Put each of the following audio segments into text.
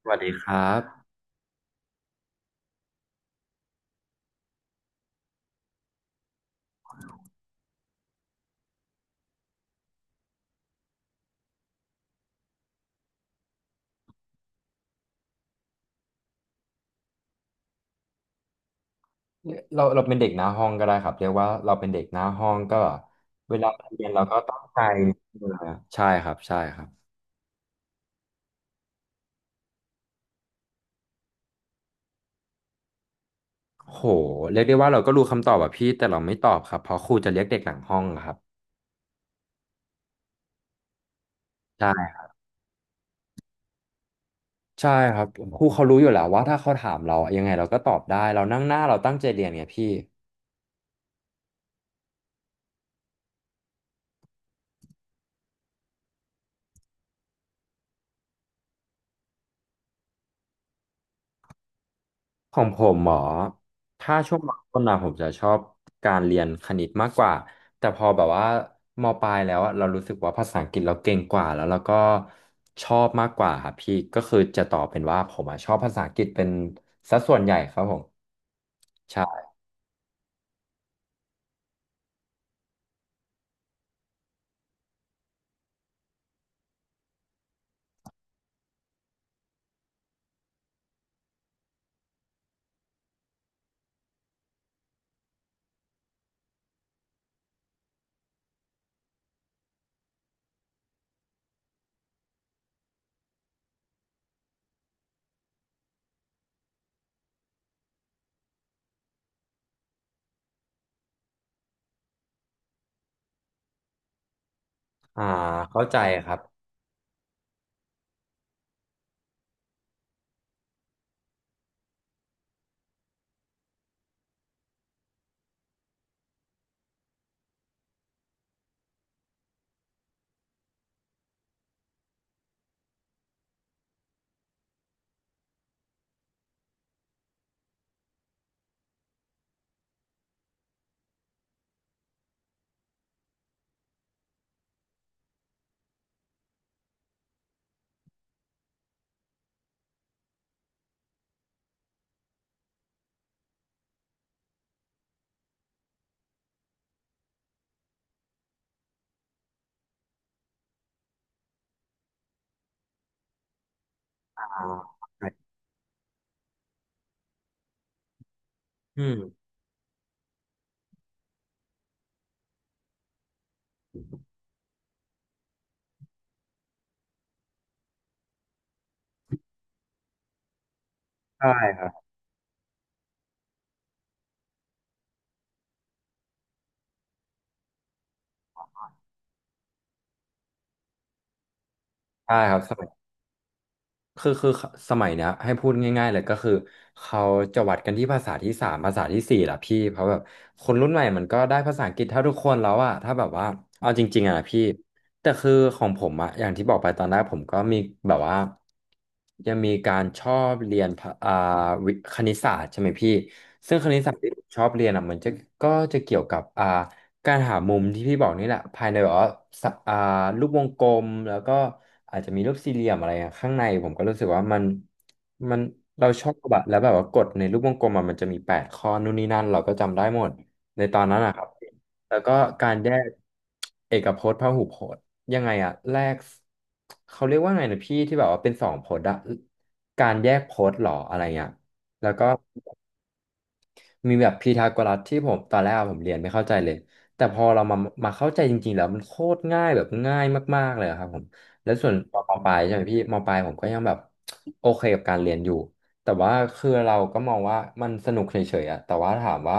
สวัสดีครับเราเป็นเด็กหน้าห้องก็ได้ครับเรียกว่าเราเป็นเด็กหน้าห้องก็แบบเวลาเรียนเราก็ตั้งใจเออใช่ครับใช่ครับโหเรียกได้ว่าเราก็รู้คำตอบแบบพี่แต่เราไม่ตอบครับเพราะครูจะเรียกเด็กหลังห้องอะครับใช่ใช่ครับครูเขารู้อยู่แล้วว่าถ้าเขาถามเรายังไงเราก็ตอบได้เรานั่งหน้าเราตั้งใจเรียนไงพี่ ของผมหมอถ้าช่วงมต้นนะผมจะชอบการเรียนคณิตมากกว่าแต่พอแบบว่ามปลายแล้วอะเรารู้สึกว่าภาษาอังกฤษเราเก่งกว่าแล้วเราก็ชอบมากกว่าครับพี่ก็คือจะตอบเป็นว่าผมอะชอบภาษาอังกฤษเป็นสัดส่วนใหญ่ครับผมใช่อ่าเข้าใจครับอ่าอืมใช่ครับใช่ครับ คือคือสมัยเนี้ยให้พูดง่ายๆเลยก็คือเขาจะวัดกันที่ภาษาที่สามภาษาที่สี่ล่ะพี่เพราะแบบคนรุ่นใหม่มันก็ได้ภาษาอังกฤษเท่าทุกคนแล้วอะถ้าแบบว่าเอาจริงๆอะนะพี่แต่คือของผมอะอย่างที่บอกไปตอนแรกผมก็มีแบบว่ายังมีการชอบเรียนภาวิคณิตศาสตร์ใช่ไหมพี่ซึ่งคณิตศาสตร์ที่ผมชอบเรียนอะมันจะก็จะเกี่ยวกับการหามุมที่พี่บอกนี่แหละภายในแบบว่าสะรูปวงกลมแล้วก็อาจจะมีรูปสี่เหลี่ยมอะไรอะข้างในผมก็รู้สึกว่ามันเราชอบแบบแล้วแบบว่ากดในรูปวงกลมอะมันจะมีแปดข้อนู่นนี่นั่นเราก็จำได้หมดในตอนนั้นนะครับแล้วก็การแยกเอกพจน์พหุพจน์ยังไงอะแรกเขาเรียกว่าไงนะพี่ที่แบบว่าเป็นสองพจน์อะการแยกพจน์หรออะไรเงี้ยแล้วก็ มีแบบพีทาโกรัสที่ผมตอนแรกอะผมเรียนไม่เข้าใจเลยแต่พอเรามาเข้าใจจริงๆแล้วมันโคตรง่ายแบบง่ายมากๆเลยอะครับผมแล้วส่วนตอนมปลายใช่ไหมพี่มปลายผมก็ยังแบบโอเคกับการเรียนอยู่แต่ว่าคือเราก็มองว่ามันสนุกเฉยๆอะแต่ว่าถามว่า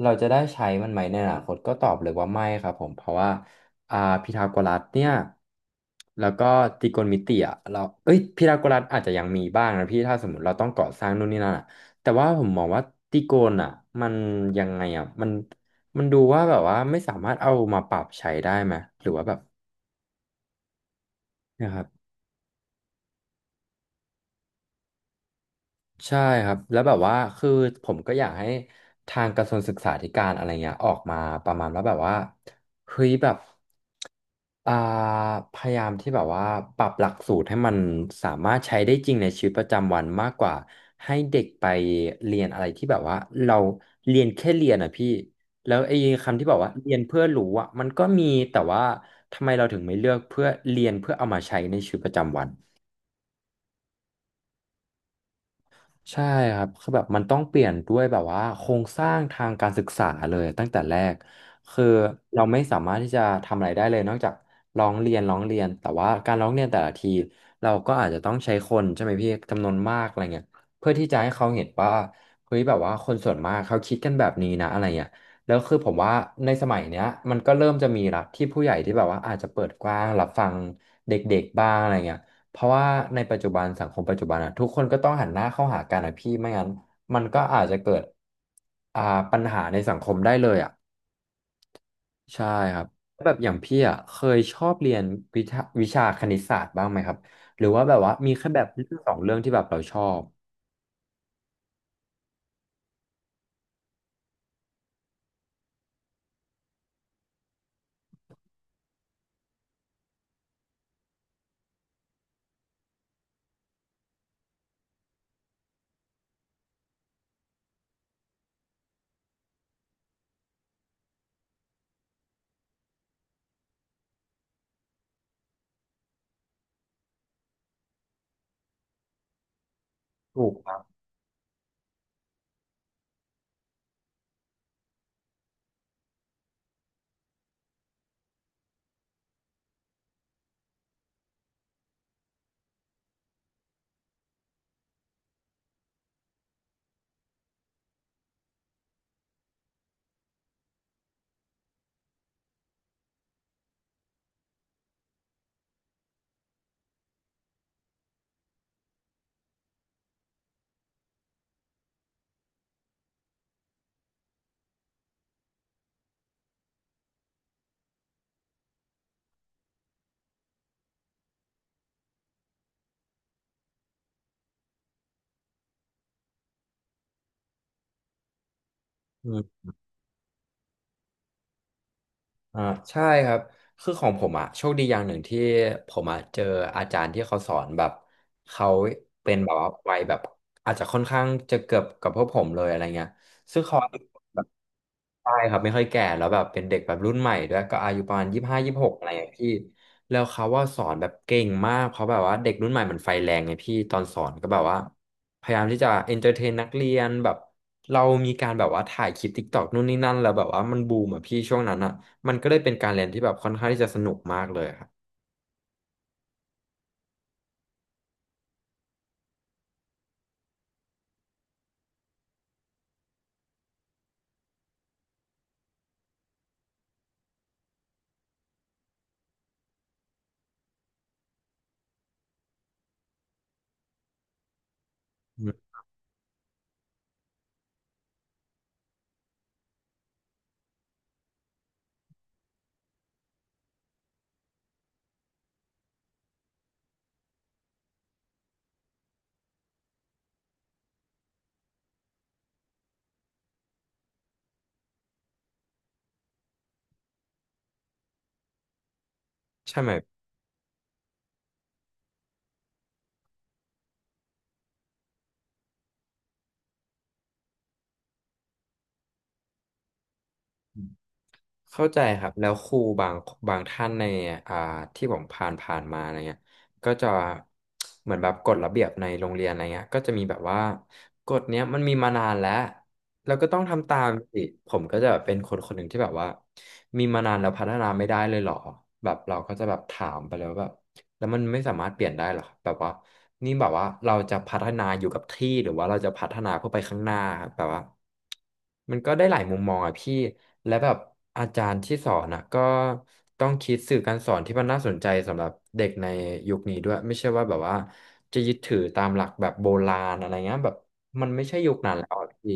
เราจะได้ใช้มันไหมในอนาคตก็ตอบเลยว่าไม่ครับผมเพราะว่าอ่าพีทาโกรัสเนี่ยแล้วก็ตรีโกณมิติอ่ะเราเอ้ยพีทาโกรัสอาจจะยังมีบ้างนะพี่ถ้าสมมติเราต้องก่อสร้างนู่นนี่นั่นอะ แต่ว่าผมมองว่าตีโกนอ่ะมันยังไงอ่ะมันมันดูว่าแบบว่าไม่สามารถเอามาปรับใช้ได้ไหมหรือว่าแบบนะครับ ใช่ครับแล้วแบบว่าคือผมก็อยากให้ทางกระทรวงศึกษาธิการอะไรเงี้ยออกมาประมาณว่าแบบว่าเฮ้ยแบบอ่าพยายามที่แบบว่าปรับหลักสูตรให้มันสามารถใช้ได้จริงในชีวิตประจำวันมากกว่าให้เด็กไปเรียนอะไรที่แบบว่าเราเรียนแค่เรียนอ่ะพี่แล้วไอ้คำที่บอกว่าเรียนเพื่อรู้อ่ะมันก็มีแต่ว่าทำไมเราถึงไม่เลือกเพื่อเรียนเพื่อเอามาใช้ในชีวิตประจำวัน ใช่ครับคือแบบมันต้องเปลี่ยนด้วยแบบว่าโครงสร้างทางการศึกษาเลยตั้งแต่แรกคือเราไม่สามารถที่จะทำอะไรได้เลยนอกจากร้องเรียนร้องเรียนแต่ว่าการร้องเรียนแต่ละทีเราก็อาจจะต้องใช้คนใช่ไหมพี่จำนวนมากอะไรเงี้ยเพื่อที่จะให้เขาเห็นว่าเฮ้ยแบบว่าคนส่วนมากเขาคิดกันแบบนี้นะอะไรเงี้ยแล้วคือผมว่าในสมัยเนี้ยมันก็เริ่มจะมีละที่ผู้ใหญ่ที่แบบว่าอาจจะเปิดกว้างรับฟังเด็กๆบ้างอะไรเงี้ย เพราะว่าในปัจจุบันสังคมปัจจุบันอะทุกคนก็ต้องหันหน้าเข้าหากันอะพี่ไม่งั้นมันก็อาจจะเกิดอ่าปัญหาในสังคมได้เลยอะใช่ครับแล้วแบบอย่างพี่อะเคยชอบเรียนวิทะวิชาคณิตศาสตร์บ้างไหมครับหรือว่าแบบว่ามีแค่แบบเรื่องสองเรื่องที่แบบเราชอบถูกครับอืมอ่าใช่ครับคือของผมอ่ะโชคดีอย่างหนึ่งที่ผมอ่ะเจออาจารย์ที่เขาสอนแบบเขาเป็นแบบว่าวัยแบบอาจจะค่อนข้างจะเกือบกับพวกผมเลยอะไรเงี้ยซึ่งเขา ใช่ครับไม่ค่อยแก่แล้วแบบเป็นเด็กแบบรุ่นใหม่ด้วยก็อายุประมาณ2526อะไรอย่างเงี้ยพี่แล้วเขาว่าสอนแบบเก่งมากเพราะแบบว่าเด็กรุ่นใหม่มันไฟแรงไงพี่ตอนสอนก็แบบว่าพยายามที่จะเอนเตอร์เทนนักเรียนแบบเรามีการแบบว่าถ่ายคลิปติ๊กตอกนู่นนี่นั่นแล้วแบบว่ามันบูมอ่ะพี่ช่วงนั้นอ่ะมันก็เลยเป็นการเรียนที่แบบค่อนข้างที่จะสนุกมากเลยครับอืมใช่ไหม เข้าใจครับแล้วครูบางท่านในอ่าที่ผมผ่านมาอะไรเงี้ยก็จะเหมือนแบบกฎระเบียบในโรงเรียนอะไรเงี้ยก็จะมีแบบว่ากฎเนี้ยมันมีมานานแล้วเราก็ต้องทำตามสิผมก็จะเป็นคนคนหนึ่งที่แบบว่ามีมานานแล้วพัฒนาไม่ได้เลยเหรอแบบเราก็จะแบบถามไปแล้วแบบ แล้วมันไม่สามารถเปลี่ยนได้หรอกแบบว่านี่แบบว่าเราจะพัฒนาอยู่กับที่หรือว่าเราจะพัฒนาเพื่อไปข้างหน้าครับแบบว่ามันก็ได้หลายมุมมองอะพี่และแบบอาจารย์ที่สอนอะก็ต้องคิดสื่อการสอนที่มันน่าสนใจสำหรับเด็กในยุคนี้ด้วยไม่ใช่ว่าแบบว่าจะยึดถือตามหลักแบบโบราณอะไรเงี้ยแบบมันไม่ใช่ยุคนั้นแล้วอะพี่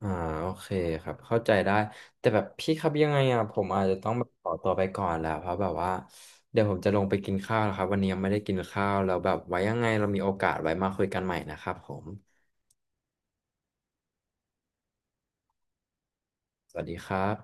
อ่าโอเคครับเข้าใจได้แต่แบบพี่ครับยังไงอ่ะผมอาจจะต้องแบบขอตัวไปก่อนแล้วเพราะแบบว่าเดี๋ยวผมจะลงไปกินข้าวแล้วครับวันนี้ยังไม่ได้กินข้าวแล้วแบบไว้ยังไงเรามีโอกาสไว้มาคุยกันใหม่นะครับผมสวัสดีครับ